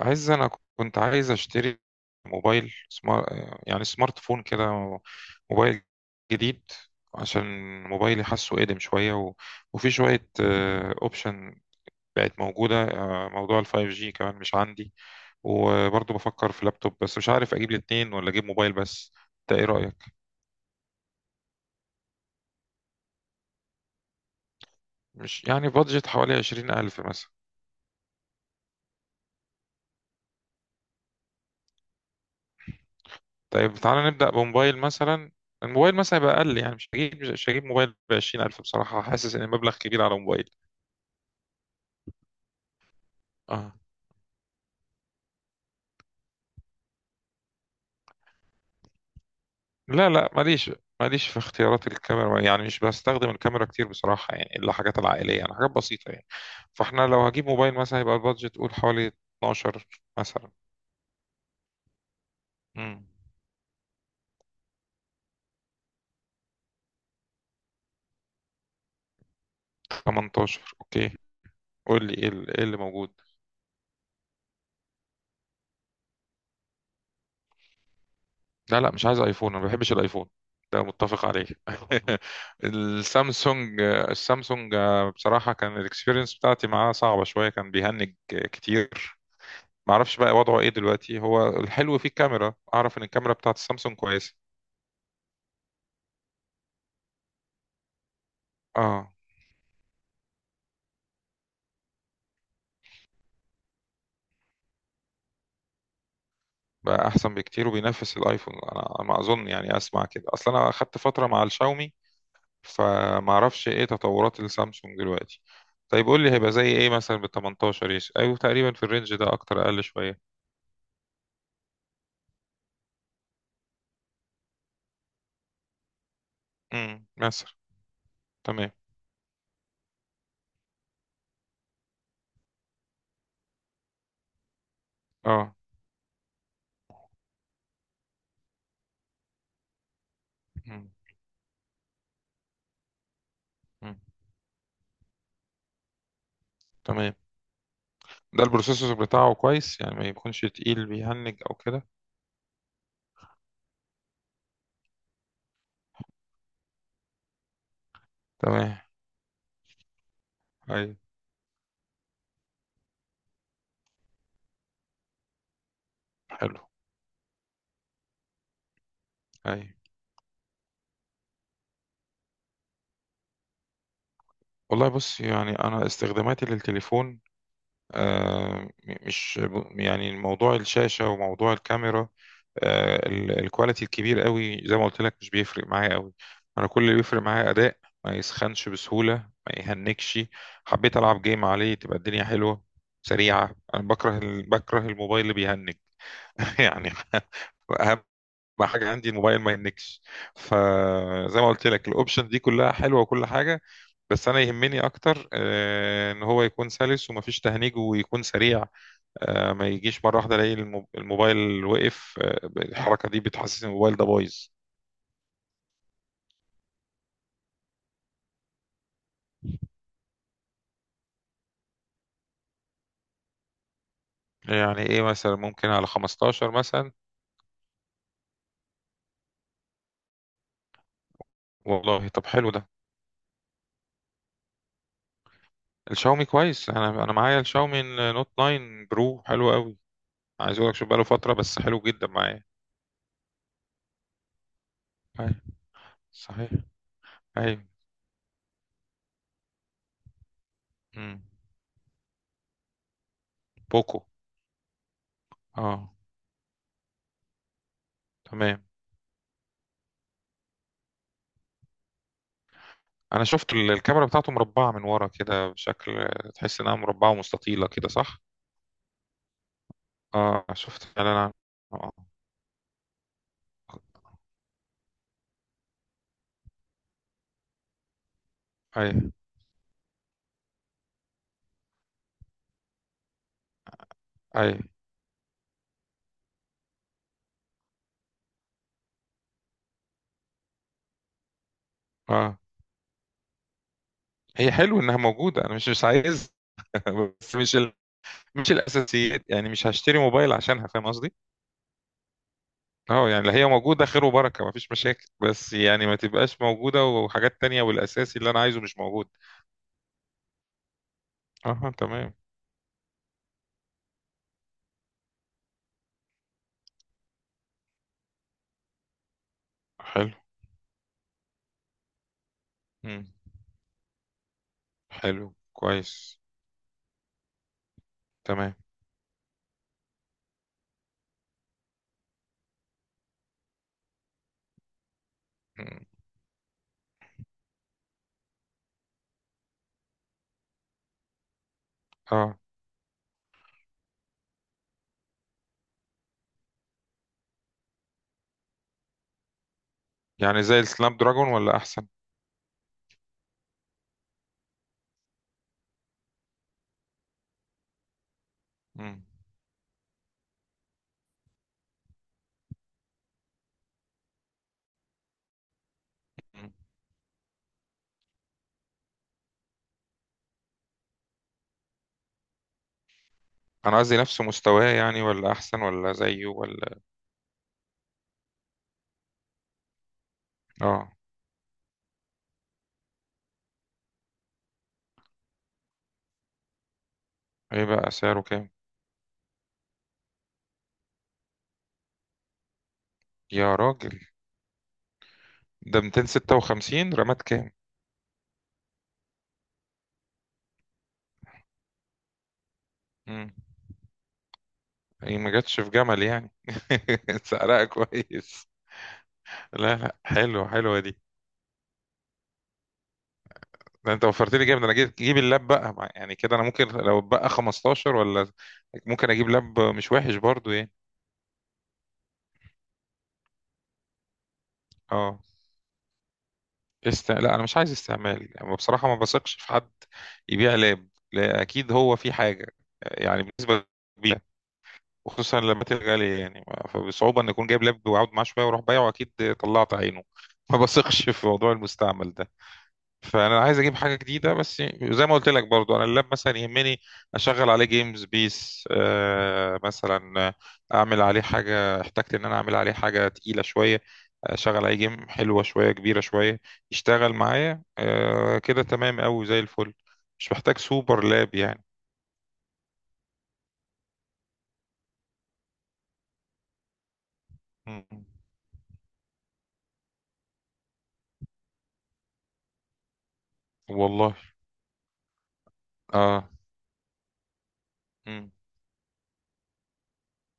عايز انا كنت عايز اشتري موبايل يعني سمارت فون كده. موبايل جديد، عشان موبايلي حاسه قديم شوية وفي شوية اوبشن بقت موجودة. موضوع الفايف جي كمان مش عندي، وبرضه بفكر في لابتوب، بس مش عارف اجيب الاتنين ولا اجيب موبايل بس. انت ايه رأيك؟ مش يعني بادجت حوالي عشرين الف مثلا. طيب تعالى نبدأ بموبايل مثلا. الموبايل مثلا يبقى اقل، يعني مش هجيب موبايل بعشرين الف، بصراحة حاسس ان المبلغ كبير على موبايل. اه، لا لا، ماليش في اختيارات الكاميرا، يعني مش بستخدم الكاميرا كتير بصراحة، يعني إلا حاجات العائلية، يعني حاجات بسيطة يعني. فاحنا لو هجيب موبايل مثلا هيبقى البادجت قول حوالي 12 مثلا. امم 18 اوكي. قول لي ايه إيه اللي موجود؟ لا لا، مش عايز ايفون، انا ما بحبش الايفون، ده متفق عليه السامسونج، بصراحة كان الاكسبيرينس بتاعتي معاه صعبة شوية، كان بيهنج كتير. معرفش بقى وضعه ايه دلوقتي، هو الحلو فيه الكاميرا، اعرف ان الكاميرا بتاعت السامسونج كويسة. اه، بقى احسن بكتير وبينافس الايفون، انا ما اظن، يعني اسمع كده اصلا، انا اخدت فتره مع الشاومي، فما اعرفش ايه تطورات السامسونج دلوقتي. طيب قول لي هيبقى زي ايه مثلا بال 18؟ ايش، ايوه، تقريبا في الرينج ده، اكتر، اقل شويه. مثلا. تمام. اه. مم. مم. تمام. ده البروسيسور بتاعه كويس؟ يعني ما يكونش تقيل بيهنج او كده. تمام. ايوه. حلو. ايوه. والله بص، يعني انا استخداماتي للتليفون مش، يعني موضوع الشاشة وموضوع الكاميرا، الكواليتي الكبير قوي، زي ما قلت لك، مش بيفرق معايا قوي. انا كل اللي بيفرق معايا اداء، ما يسخنش بسهولة، ما يهنكش، حبيت العب جيم عليه تبقى الدنيا حلوة، سريعة. انا بكره بكره الموبايل اللي بيهنك يعني. اهم حاجة عندي الموبايل ما يهنكش. فزي ما قلت لك الاوبشن دي كلها حلوة وكل حاجة، بس انا يهمني اكتر، ان هو يكون سلس ومفيش تهنيج ويكون سريع. ما يجيش مرة واحدة الاقي الموبايل وقف، الحركة دي بتحسسني إن الموبايل ده بايظ. يعني ايه مثلا، ممكن على 15 مثلا؟ والله طب حلو ده. الشاومي كويس، انا معايا الشاومي نوت 9 برو، حلو قوي، عايز اقول لك، شوف بقاله فترة بس حلو جدا معايا. أيوة، صحيح، ايوه. امم بوكو، اه تمام. انا شفت الكاميرا بتاعته مربعة من ورا كده، بشكل تحس انها مربعة ومستطيلة كده، صح؟ اه، شفت فعلا. آه. ايوه، ايوه. اه، هي حلو انها موجوده، انا مش عايز بس مش الاساسيات، يعني مش هشتري موبايل عشانها، فاهم قصدي؟ اه، يعني اللي هي موجوده خير وبركه، مفيش مشاكل، بس يعني ما تبقاش موجوده وحاجات تانية والاساسي اللي انا عايزه مش موجود. اه، تمام. حلو. مم. حلو، كويس. تمام. مم. اه، يعني زي السناب دراجون ولا احسن؟ مم. مم. انا قصدي نفس مستواه، يعني ولا احسن ولا زيه ولا. اه. ايه بقى سعره كام؟ يا راجل، ده 256، رامات كام؟ مم. هي ما جاتش في جمل يعني سعرها كويس. لا لا، حلو، حلوه دي. ده انت وفرت لي جامد، انا جيب اللاب بقى يعني كده انا ممكن لو بقى 15 ولا، ممكن اجيب لاب مش وحش برضو يعني. اه، لا انا مش عايز استعمال، يعني بصراحه ما بثقش في حد يبيع لاب، لا اكيد هو في حاجه، يعني بالنسبه للبيع، وخصوصا لما تبقى غاليه. يعني فبصعوبه ان اكون جايب لاب وقعد معاه شويه واروح بايعه، اكيد طلعت عينه ما بثقش في موضوع المستعمل ده، فانا عايز اجيب حاجه جديده بس. زي ما قلت لك برضو، انا اللاب مثلا يهمني اشغل عليه جيمز بيس مثلا، اعمل عليه حاجه، احتجت ان انا اعمل عليه حاجه تقيله شويه، اشغل عليه جيم حلوه شويه، كبيره شويه، يشتغل معايا كده تمام قوي زي الفل. مش محتاج سوبر لاب يعني. م. والله. اه. م.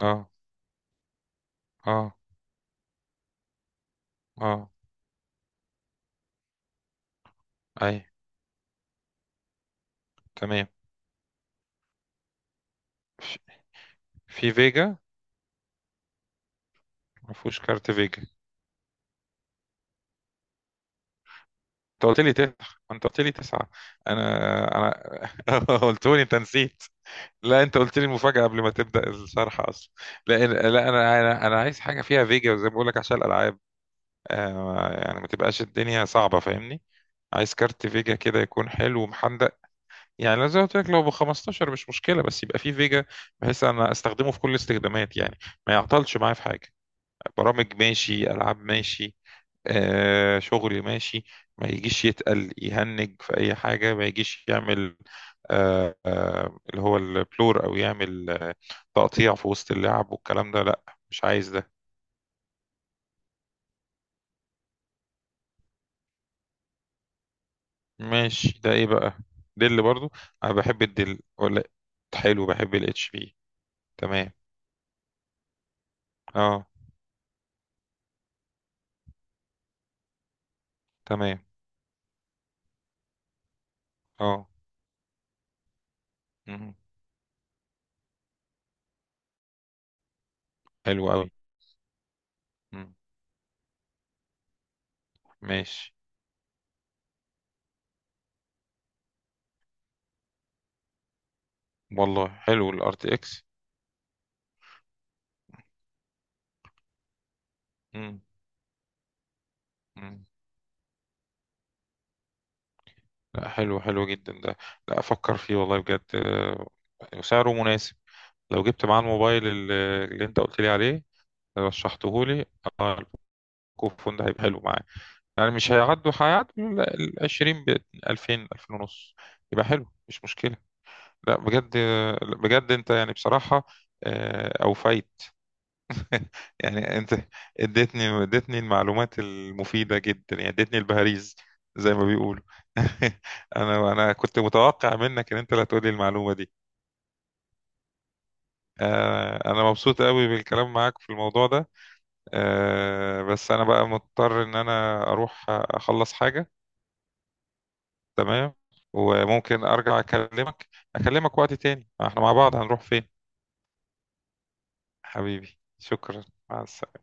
اه. اه. اه. اي. تمام. في في فيجا. ما فيهوش كارت فيجا. انت قلت لي تسعة، انت قلت لي تسعة. انا انا قلت لي انت نسيت. لا، انت قلت لي المفاجأة قبل ما تبدأ الشرح اصلا. لا لا، انا عايز حاجة فيها فيجا، زي ما بقول لك عشان الالعاب. يعني ما تبقاش الدنيا صعبة، فاهمني؟ عايز كارت فيجا كده يكون حلو ومحندق. يعني لو زي ما قلت لك لو ب 15 مش مشكلة، بس يبقى فيه فيجا، بحيث انا استخدمه في كل الاستخدامات يعني، ما يعطلش معايا في حاجة، برامج ماشي، العاب ماشي، شغل ماشي. ما يجيش يتقل يهنج في أي حاجة، ما يجيش يعمل اللي هو البلور، أو يعمل تقطيع في وسط اللعب والكلام ده، لأ، مش عايز ده. ماشي، ده إيه بقى؟ دل برضو؟ أنا بحب الدل، ولا؟ حلو، بحب الاتش بي. تمام. اه. تمام. اه. مم. حلو أوي. مم. ماشي. والله حلو الار تي اكس. لا، حلو، حلو جدا ده، لا افكر فيه والله بجد. وسعره مناسب. لو جبت معاه الموبايل اللي انت قلت لي عليه، رشحته لي. اه. الكوفون ده هيبقى حلو معاه. يعني مش هيعدوا ال 20، ب 2000 2000 ونص. يبقى حلو، مش مشكلة. لا بجد، بجد انت يعني بصراحة، اوفيت يعني انت اديتني المعلومات المفيدة جدا، يعني اديتني البهاريز زي ما بيقولوا انا كنت متوقع منك ان انت اللي هتقولي المعلومة دي. انا مبسوط قوي بالكلام معاك في الموضوع ده. بس انا بقى مضطر ان انا اروح اخلص حاجة. تمام. وممكن ارجع اكلمك، اكلمك وقت تاني، احنا مع بعض هنروح فين؟ حبيبي شكرا. مع السلامة.